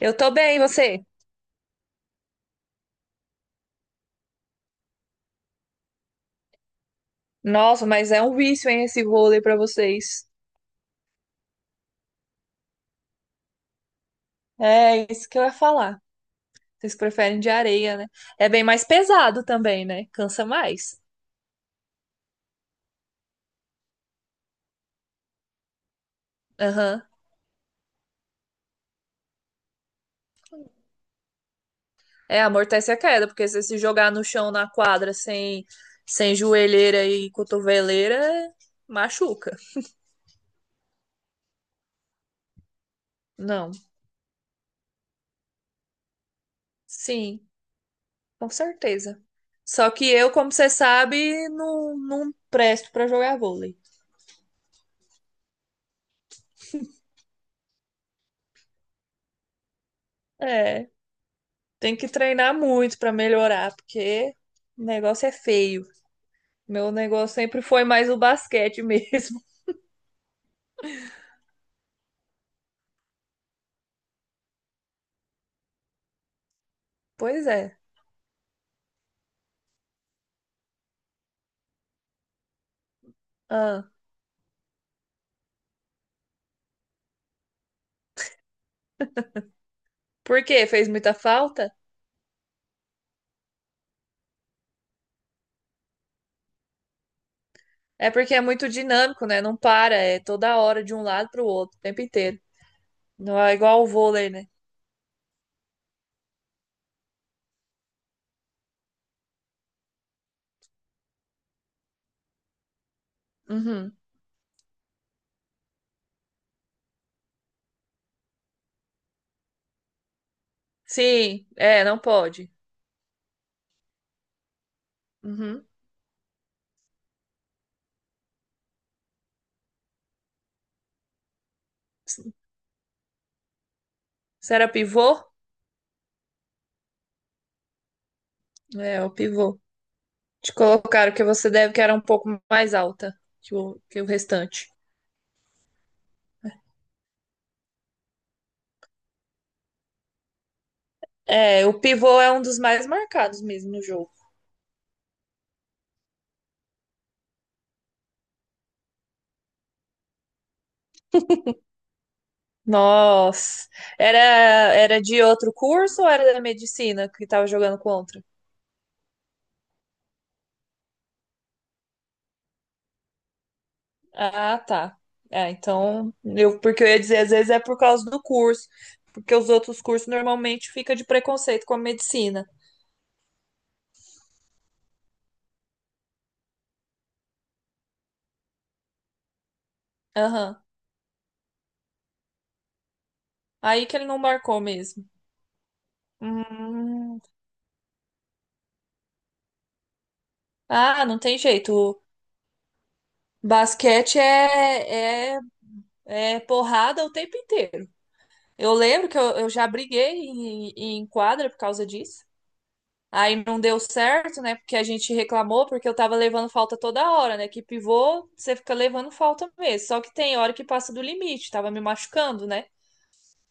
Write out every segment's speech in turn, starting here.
Eu tô bem, e você? Nossa, mas é um vício, hein, esse vôlei pra vocês. É isso que eu ia falar. Vocês preferem de areia, né? É bem mais pesado também, né? Cansa mais. Aham. É, amortece a queda, porque se você se jogar no chão, na quadra, sem joelheira e cotoveleira, machuca. Não. Sim, com certeza. Só que eu, como você sabe, não presto pra jogar vôlei. É. Tem que treinar muito para melhorar, porque o negócio é feio. Meu negócio sempre foi mais o basquete mesmo. Pois é. Ah, por quê? Fez muita falta? É porque é muito dinâmico, né? Não para, é toda hora de um lado pro outro, o tempo inteiro. Não é igual o vôlei, né? Uhum. Sim, é, não pode. Uhum. Você era pivô? É, o pivô. Te colocaram que você deve que era um pouco mais alta que que o restante. É, o pivô é um dos mais marcados mesmo no jogo. Nossa, era era de outro curso ou era da medicina que tava jogando contra? Ah, tá. Ah, então, eu porque eu ia dizer, às vezes é por causa do curso, porque os outros cursos normalmente fica de preconceito com a medicina. Aham. Aí que ele não marcou mesmo. Hum. Ah, não tem jeito. Basquete é porrada o tempo inteiro. Eu lembro que eu já briguei em quadra por causa disso. Aí não deu certo, né? Porque a gente reclamou, porque eu tava levando falta toda hora, né? Que pivô, você fica levando falta mesmo. Só que tem hora que passa do limite, tava me machucando, né?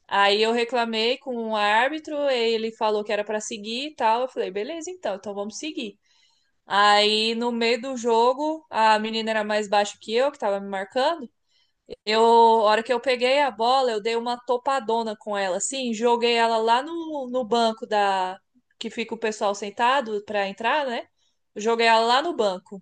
Aí eu reclamei com o árbitro, ele falou que era pra seguir e tal. Eu falei, beleza, então, então vamos seguir. Aí no meio do jogo, a menina era mais baixa que eu, que tava me marcando. Eu, a hora que eu peguei a bola, eu dei uma topadona com ela, assim, joguei ela lá no banco da que fica o pessoal sentado pra entrar, né? Joguei ela lá no banco.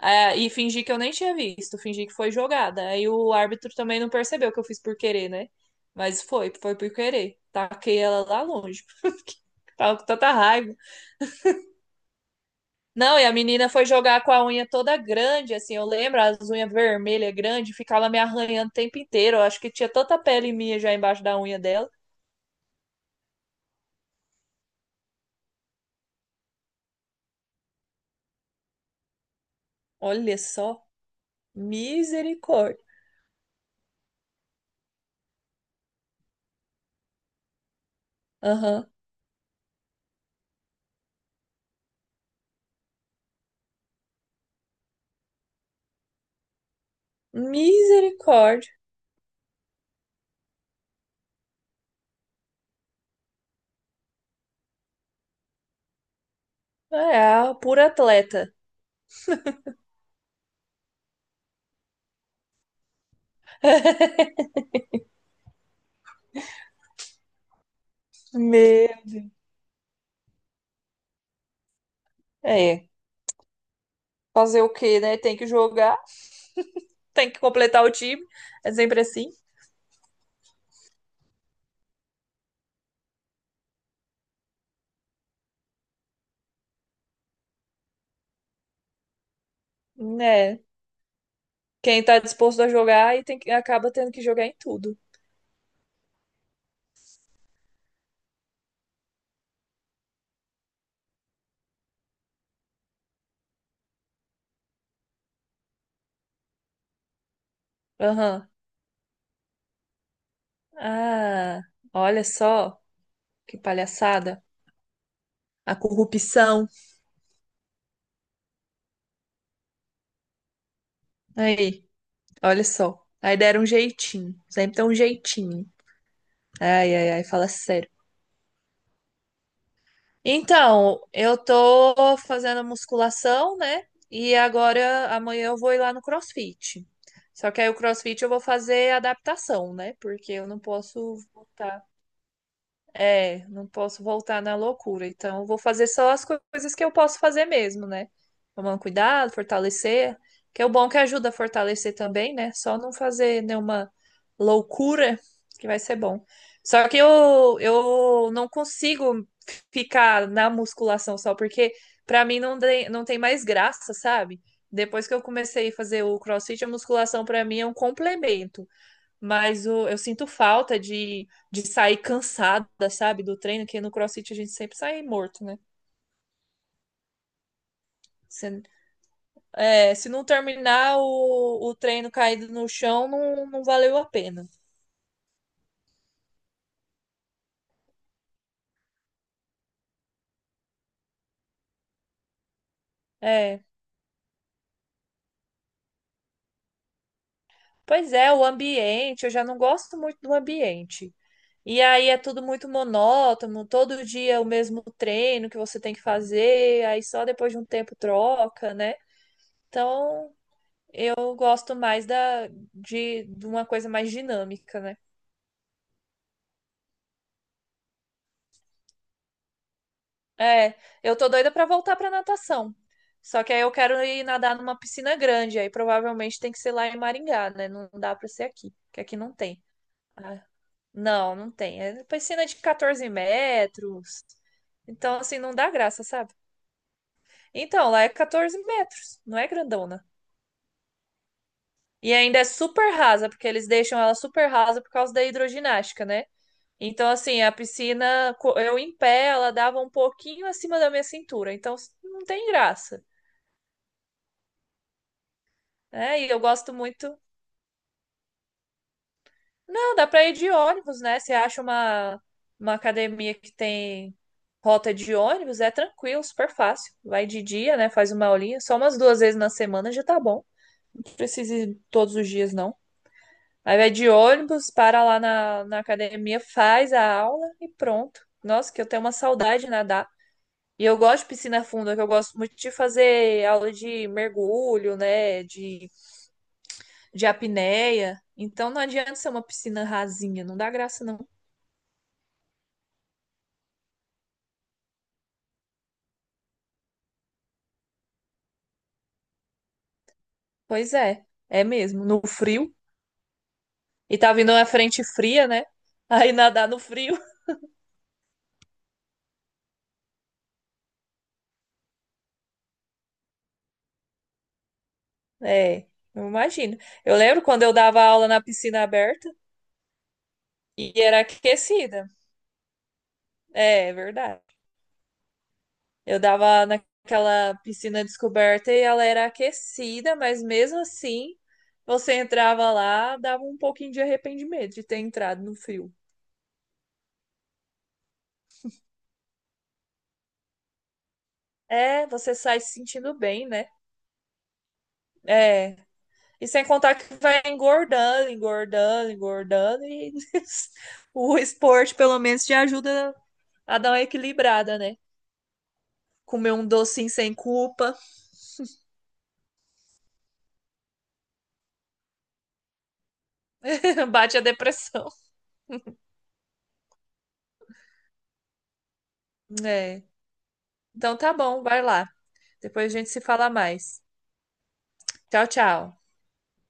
É, e fingi que eu nem tinha visto, fingi que foi jogada. Aí o árbitro também não percebeu que eu fiz por querer, né? Mas foi por querer. Taquei ela lá longe. Tava com tanta raiva. Não, e a menina foi jogar com a unha toda grande, assim, eu lembro, as unhas vermelhas grandes, ficava me arranhando o tempo inteiro. Eu acho que tinha tanta pele minha já embaixo da unha dela. Olha só, misericórdia. Aham. Misericórdia. É, a pura atleta. Meu. É, fazer o quê, né? Tem que jogar, tem que completar o time. É sempre assim, né? Quem tá disposto a jogar e tem que, acaba tendo que jogar em tudo. Aham. Ah, olha só. Que palhaçada. A corrupção. Aí, olha só. Aí deram um jeitinho. Sempre tem um jeitinho. Ai, ai, ai, fala sério. Então, eu tô fazendo musculação, né? E agora, amanhã eu vou ir lá no CrossFit. Só que aí o CrossFit eu vou fazer adaptação, né? Porque eu não posso voltar. É, não posso voltar na loucura. Então, eu vou fazer só as coisas que eu posso fazer mesmo, né? Tomando cuidado, fortalecer. Que é o bom que ajuda a fortalecer também, né? Só não fazer nenhuma loucura, que vai ser bom. Só que eu não consigo ficar na musculação só, porque pra mim não, não tem mais graça, sabe? Depois que eu comecei a fazer o CrossFit, a musculação pra mim é um complemento. Mas o, eu sinto falta de sair cansada, sabe, do treino, que no CrossFit a gente sempre sai morto, né? Se, é, se não terminar o treino caído no chão, não valeu a pena. É. Pois é, o ambiente, eu já não gosto muito do ambiente. E aí é tudo muito monótono, todo dia o mesmo treino que você tem que fazer, aí só depois de um tempo troca, né? Então eu gosto mais de uma coisa mais dinâmica, né? É, eu tô doida pra voltar pra natação. Só que aí eu quero ir nadar numa piscina grande, aí provavelmente tem que ser lá em Maringá, né? Não dá pra ser aqui, porque aqui não tem. Ah, não tem. É piscina de 14 metros. Então, assim, não dá graça, sabe? Então, lá é 14 metros, não é grandona. E ainda é super rasa, porque eles deixam ela super rasa por causa da hidroginástica, né? Então, assim, a piscina, eu em pé, ela dava um pouquinho acima da minha cintura. Então, não tem graça. É, e eu gosto muito. Não, dá pra ir de ônibus, né? Você acha uma academia que tem rota de ônibus, é tranquilo, super fácil. Vai de dia, né? Faz uma aulinha. Só umas duas vezes na semana já tá bom. Não precisa ir todos os dias, não. Aí vai de ônibus, para lá na, na academia, faz a aula e pronto. Nossa, que eu tenho uma saudade de nadar. E eu gosto de piscina funda, que eu gosto muito de fazer aula de mergulho, né? De apneia. Então não adianta ser uma piscina rasinha, não dá graça não. Pois é, é mesmo, no frio. E tá vindo uma frente fria, né? Aí nadar no frio. É, eu imagino. Eu lembro quando eu dava aula na piscina aberta e era aquecida. É, é verdade. Eu dava naquela piscina descoberta e ela era aquecida, mas mesmo assim, você entrava lá, dava um pouquinho de arrependimento de ter entrado no frio. É, você sai se sentindo bem, né? É, e sem contar que vai engordando, engordando, engordando, e o esporte, pelo menos, te ajuda a dar uma equilibrada, né? Comer um docinho sem culpa, bate a depressão. É. Então tá bom, vai lá. Depois a gente se fala mais. Tchau, tchau.